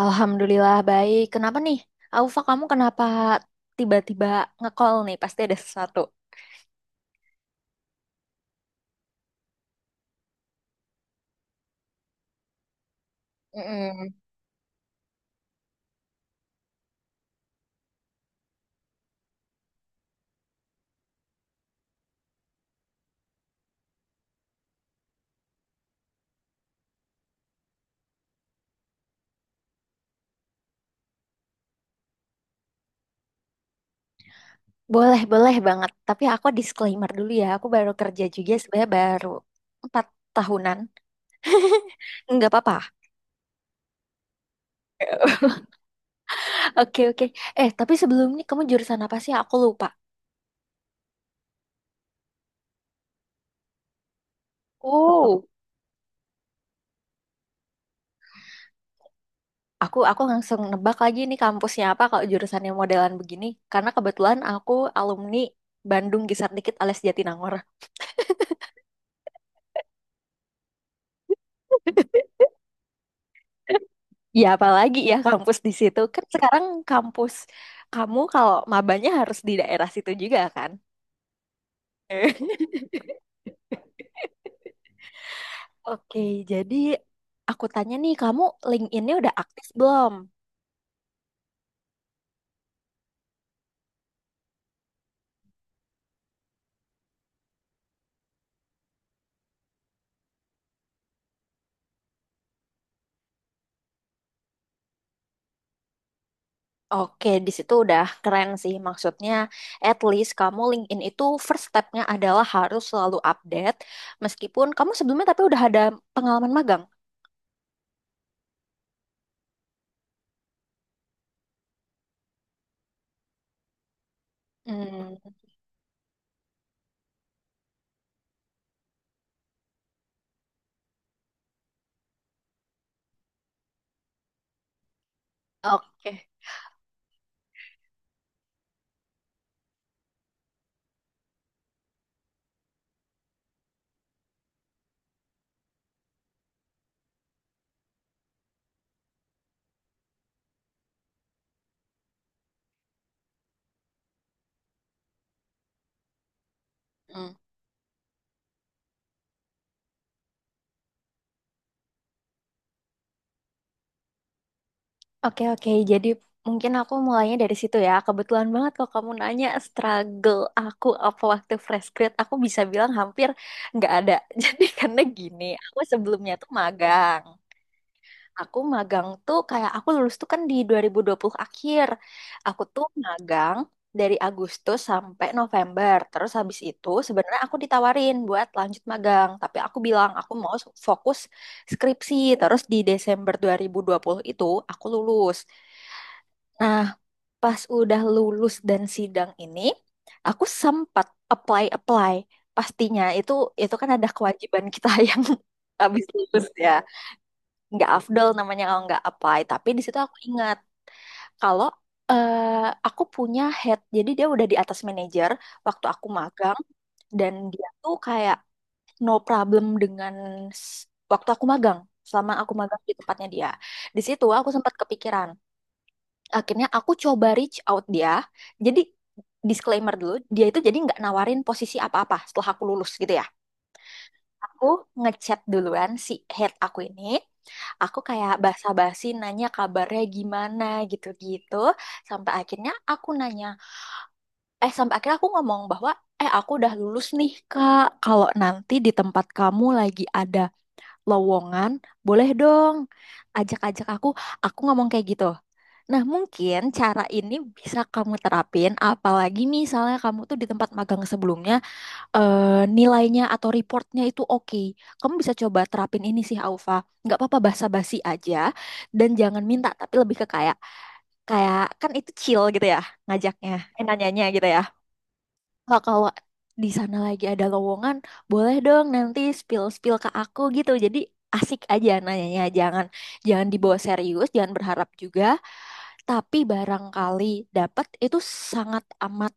Alhamdulillah baik. Kenapa nih? Aufa, kamu kenapa tiba-tiba nge-call nih? Pasti ada sesuatu. Mm-mm. Boleh, boleh banget. Tapi aku disclaimer dulu ya. Aku baru kerja juga sebenarnya baru 4 tahunan. Nggak apa-apa. Oke, oke. Tapi sebelumnya kamu jurusan apa sih? Aku lupa. Oh, aku langsung nebak lagi nih kampusnya apa kalau jurusannya modelan begini. Karena kebetulan aku alumni Bandung Gisar Dikit alias Jatinangor. Ya apalagi ya kampus di situ. Kan sekarang kampus kamu kalau mabanya harus di daerah situ juga kan? Oke, jadi aku tanya nih, kamu LinkedIn-nya udah aktif belum? Oke, di situ udah keren sih. Maksudnya, at least kamu LinkedIn itu first step-nya adalah harus selalu update. Meskipun kamu sebelumnya tapi udah ada pengalaman magang. Hmm, oke. Hmm. Oke, oke. Jadi mungkin aku mulainya dari situ ya. Kebetulan banget kalau kamu nanya struggle aku apa waktu fresh grad, aku bisa bilang hampir nggak ada. Jadi karena gini, aku sebelumnya tuh magang. Aku magang tuh kayak aku lulus tuh kan di dua dua ribu dua puluh akhir. Aku tuh magang dari Agustus sampai November. Terus habis itu sebenarnya aku ditawarin buat lanjut magang, tapi aku bilang aku mau fokus skripsi. Terus di Desember dua dua ribu dua puluh itu aku lulus. Nah, pas udah lulus dan sidang ini, aku sempat apply-apply. Pastinya itu kan ada kewajiban kita yang habis lulus ya. Nggak afdol namanya kalau nggak apply. Tapi di situ aku ingat kalau eh, aku punya head, jadi dia udah di atas manajer waktu aku magang, dan dia tuh kayak no problem dengan s- waktu aku magang. Selama aku magang di tempatnya dia. Di situ aku sempat kepikiran, akhirnya aku coba reach out dia. Jadi, disclaimer dulu, dia itu jadi nggak nawarin posisi apa-apa setelah aku lulus gitu ya. Aku ngechat duluan si head aku ini, aku kayak basa-basi nanya kabarnya gimana gitu-gitu, sampai akhirnya aku nanya sampai akhirnya aku ngomong bahwa aku udah lulus nih, Kak. Kalau nanti di tempat kamu lagi ada lowongan, boleh dong ajak-ajak aku. Aku ngomong kayak gitu. Nah, mungkin cara ini bisa kamu terapin, apalagi misalnya kamu tuh di tempat magang sebelumnya, eh, nilainya atau reportnya itu oke. Kamu bisa coba terapin ini sih, Aufa. Nggak apa-apa basa-basi aja, dan jangan minta, tapi lebih ke kayak kan itu chill gitu ya, ngajaknya, nanyanya gitu ya. Kak, kalau di sana lagi ada lowongan, boleh dong nanti spill-spill ke aku gitu. Jadi asik aja nanyanya. Jangan jangan dibawa serius, jangan berharap juga. Tapi barangkali dapat itu sangat amat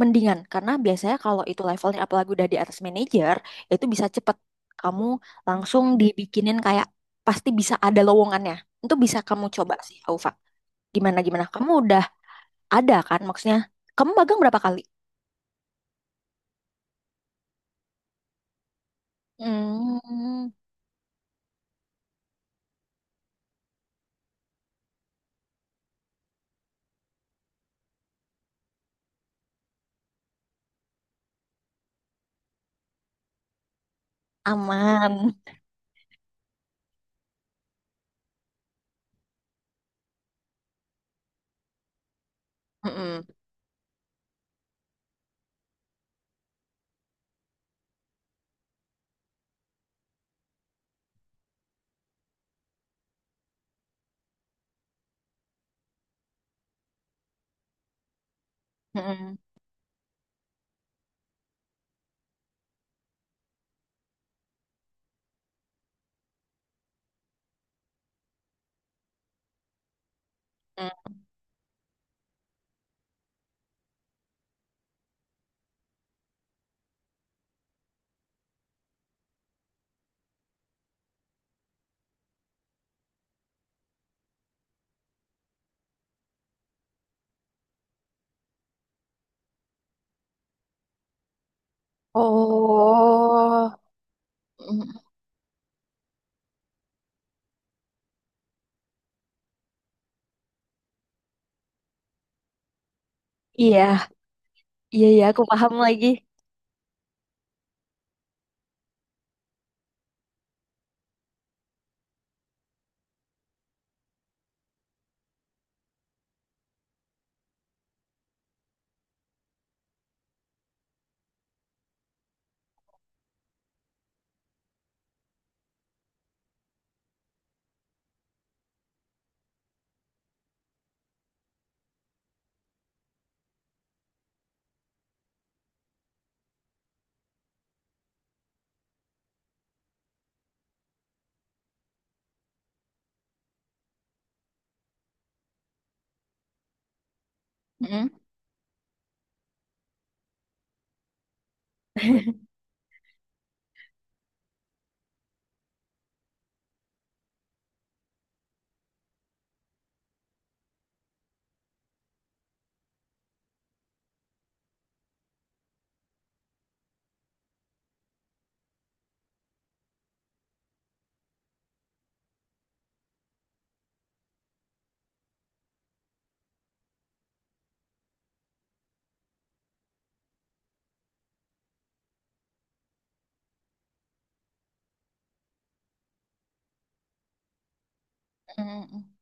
mendingan. Karena biasanya kalau itu levelnya apalagi udah di atas manajer, itu bisa cepet. Kamu langsung dibikinin kayak pasti bisa ada lowongannya. Itu bisa kamu coba sih, Aufa. Gimana-gimana? Kamu udah ada kan maksudnya? Kamu magang berapa kali? Hmm. Aman. Mm-mm. Mm-mm. Mm. Oh. Mm. Iya, iya, iya, aku paham lagi. Mm. Mm.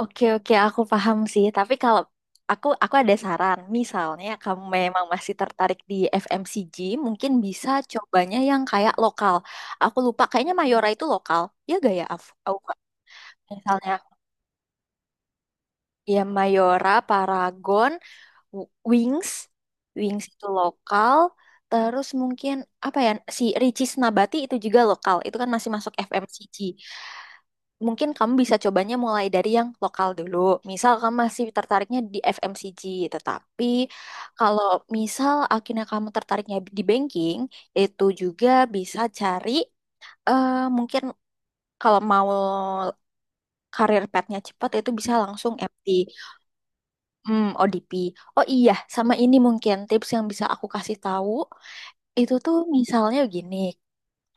Oke, oke, aku paham sih. Tapi kalau aku ada saran. Misalnya kamu memang masih tertarik di FMCG, mungkin bisa cobanya yang kayak lokal. Aku lupa, kayaknya Mayora itu lokal. Ya gak ya, Af? Misalnya, ya Mayora, Paragon, Wings, Wings itu lokal. Terus mungkin apa ya si Ricis Nabati itu juga lokal. Itu kan masih masuk FMCG. Mungkin kamu bisa cobanya mulai dari yang lokal dulu. Misal kamu masih tertariknya di FMCG, tetapi kalau misal akhirnya kamu tertariknya di banking, itu juga bisa cari mungkin kalau mau karir path-nya cepat itu bisa langsung MT. Hmm, ODP. Oh iya, sama ini mungkin tips yang bisa aku kasih tahu itu tuh misalnya gini.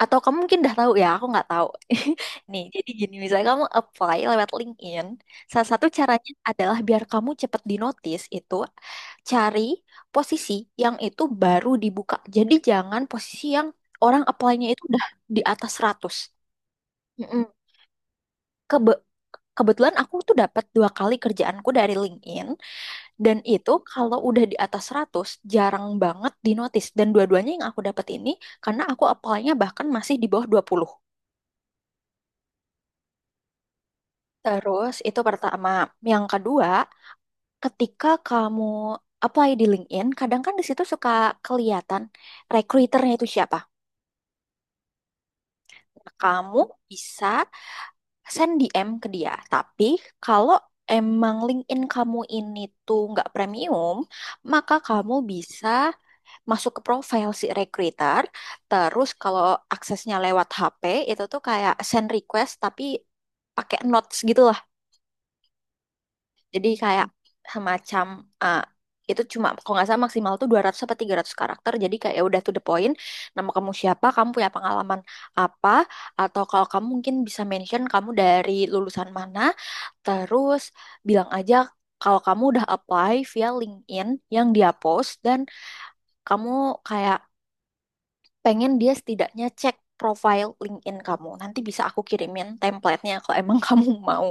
Atau kamu mungkin udah tahu ya, aku nggak tahu. Nih, jadi gini, misalnya kamu apply lewat LinkedIn, salah satu caranya adalah biar kamu cepet di notice itu cari posisi yang itu baru dibuka. Jadi jangan posisi yang orang apply-nya itu udah di atas 100. Mm-mm. Kebe- kebetulan aku tuh dapat dua kali kerjaanku dari LinkedIn. Dan itu kalau udah di atas 100 jarang banget di notice. Dan dua-duanya yang aku dapat ini karena aku apply-nya bahkan masih di bawah 20. Terus itu pertama. Yang kedua, ketika kamu apply di LinkedIn, kadang kan di situ suka kelihatan recruiternya itu siapa. Nah, kamu bisa send DM ke dia. Tapi kalau emang LinkedIn kamu ini tuh nggak premium, maka kamu bisa masuk ke profile si recruiter. Terus kalau aksesnya lewat HP itu tuh kayak send request tapi pakai notes gitu lah. Jadi kayak semacam eh, itu cuma kalau nggak salah maksimal tuh 200 sampai 300 karakter. Jadi kayak ya udah to the point. Nama kamu siapa, kamu punya pengalaman apa, atau kalau kamu mungkin bisa mention kamu dari lulusan mana. Terus bilang aja kalau kamu udah apply via LinkedIn yang dia post, dan kamu kayak pengen dia setidaknya cek profile LinkedIn kamu. Nanti bisa aku kirimin template-nya kalau emang kamu mau.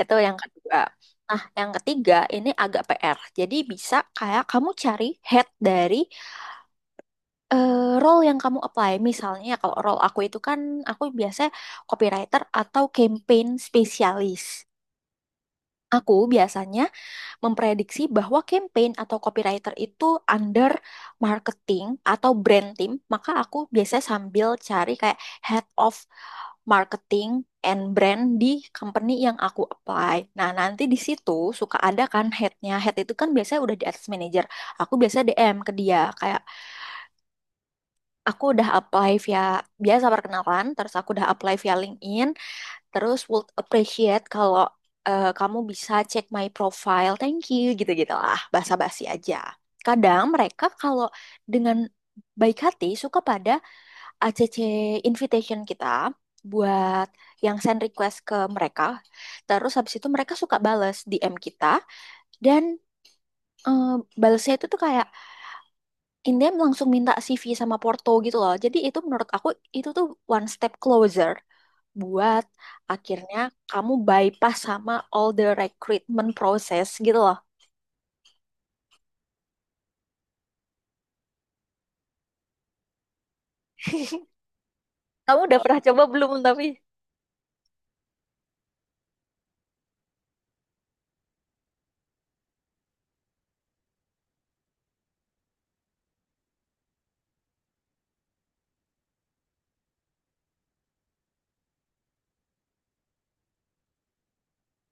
Itu yang kedua. Nah, yang ketiga ini agak PR. Jadi bisa kayak kamu cari head dari eh, role yang kamu apply. Misalnya kalau role aku itu kan aku biasanya copywriter atau campaign spesialis. Aku biasanya memprediksi bahwa campaign atau copywriter itu under marketing atau brand team, maka aku biasanya sambil cari kayak head of marketing and brand di company yang aku apply. Nah, nanti di situ suka ada kan headnya. Head itu kan biasanya udah di atas manager. Aku biasa DM ke dia kayak aku udah apply via, biasa perkenalan, terus aku udah apply via LinkedIn. Terus would appreciate kalau kamu bisa cek my profile, thank you gitu-gitu lah, basa-basi aja. Kadang mereka kalau dengan baik hati suka pada ACC invitation kita buat yang send request ke mereka. Terus habis itu mereka suka bales DM kita dan eh, balesnya itu tuh kayak in them langsung minta CV sama Porto gitu loh. Jadi itu menurut aku itu tuh one step closer buat akhirnya kamu bypass sama all the recruitment process gitu loh. Kamu udah pernah coba belum tapi?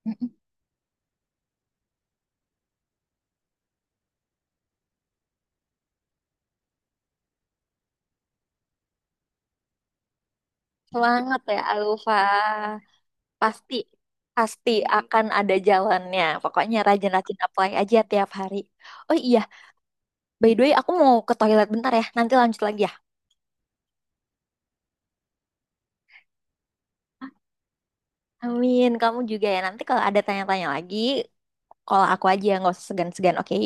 Mm-mm. Semangat ya Alfa. Pasti pasti akan ada jalannya. Pokoknya rajin-rajin apply aja tiap hari. Oh iya, by the way aku mau ke toilet bentar ya. Nanti lanjut lagi ya. Amin, kamu juga ya. Nanti kalau ada tanya-tanya lagi, kalau aku aja nggak usah segan-segan, oke?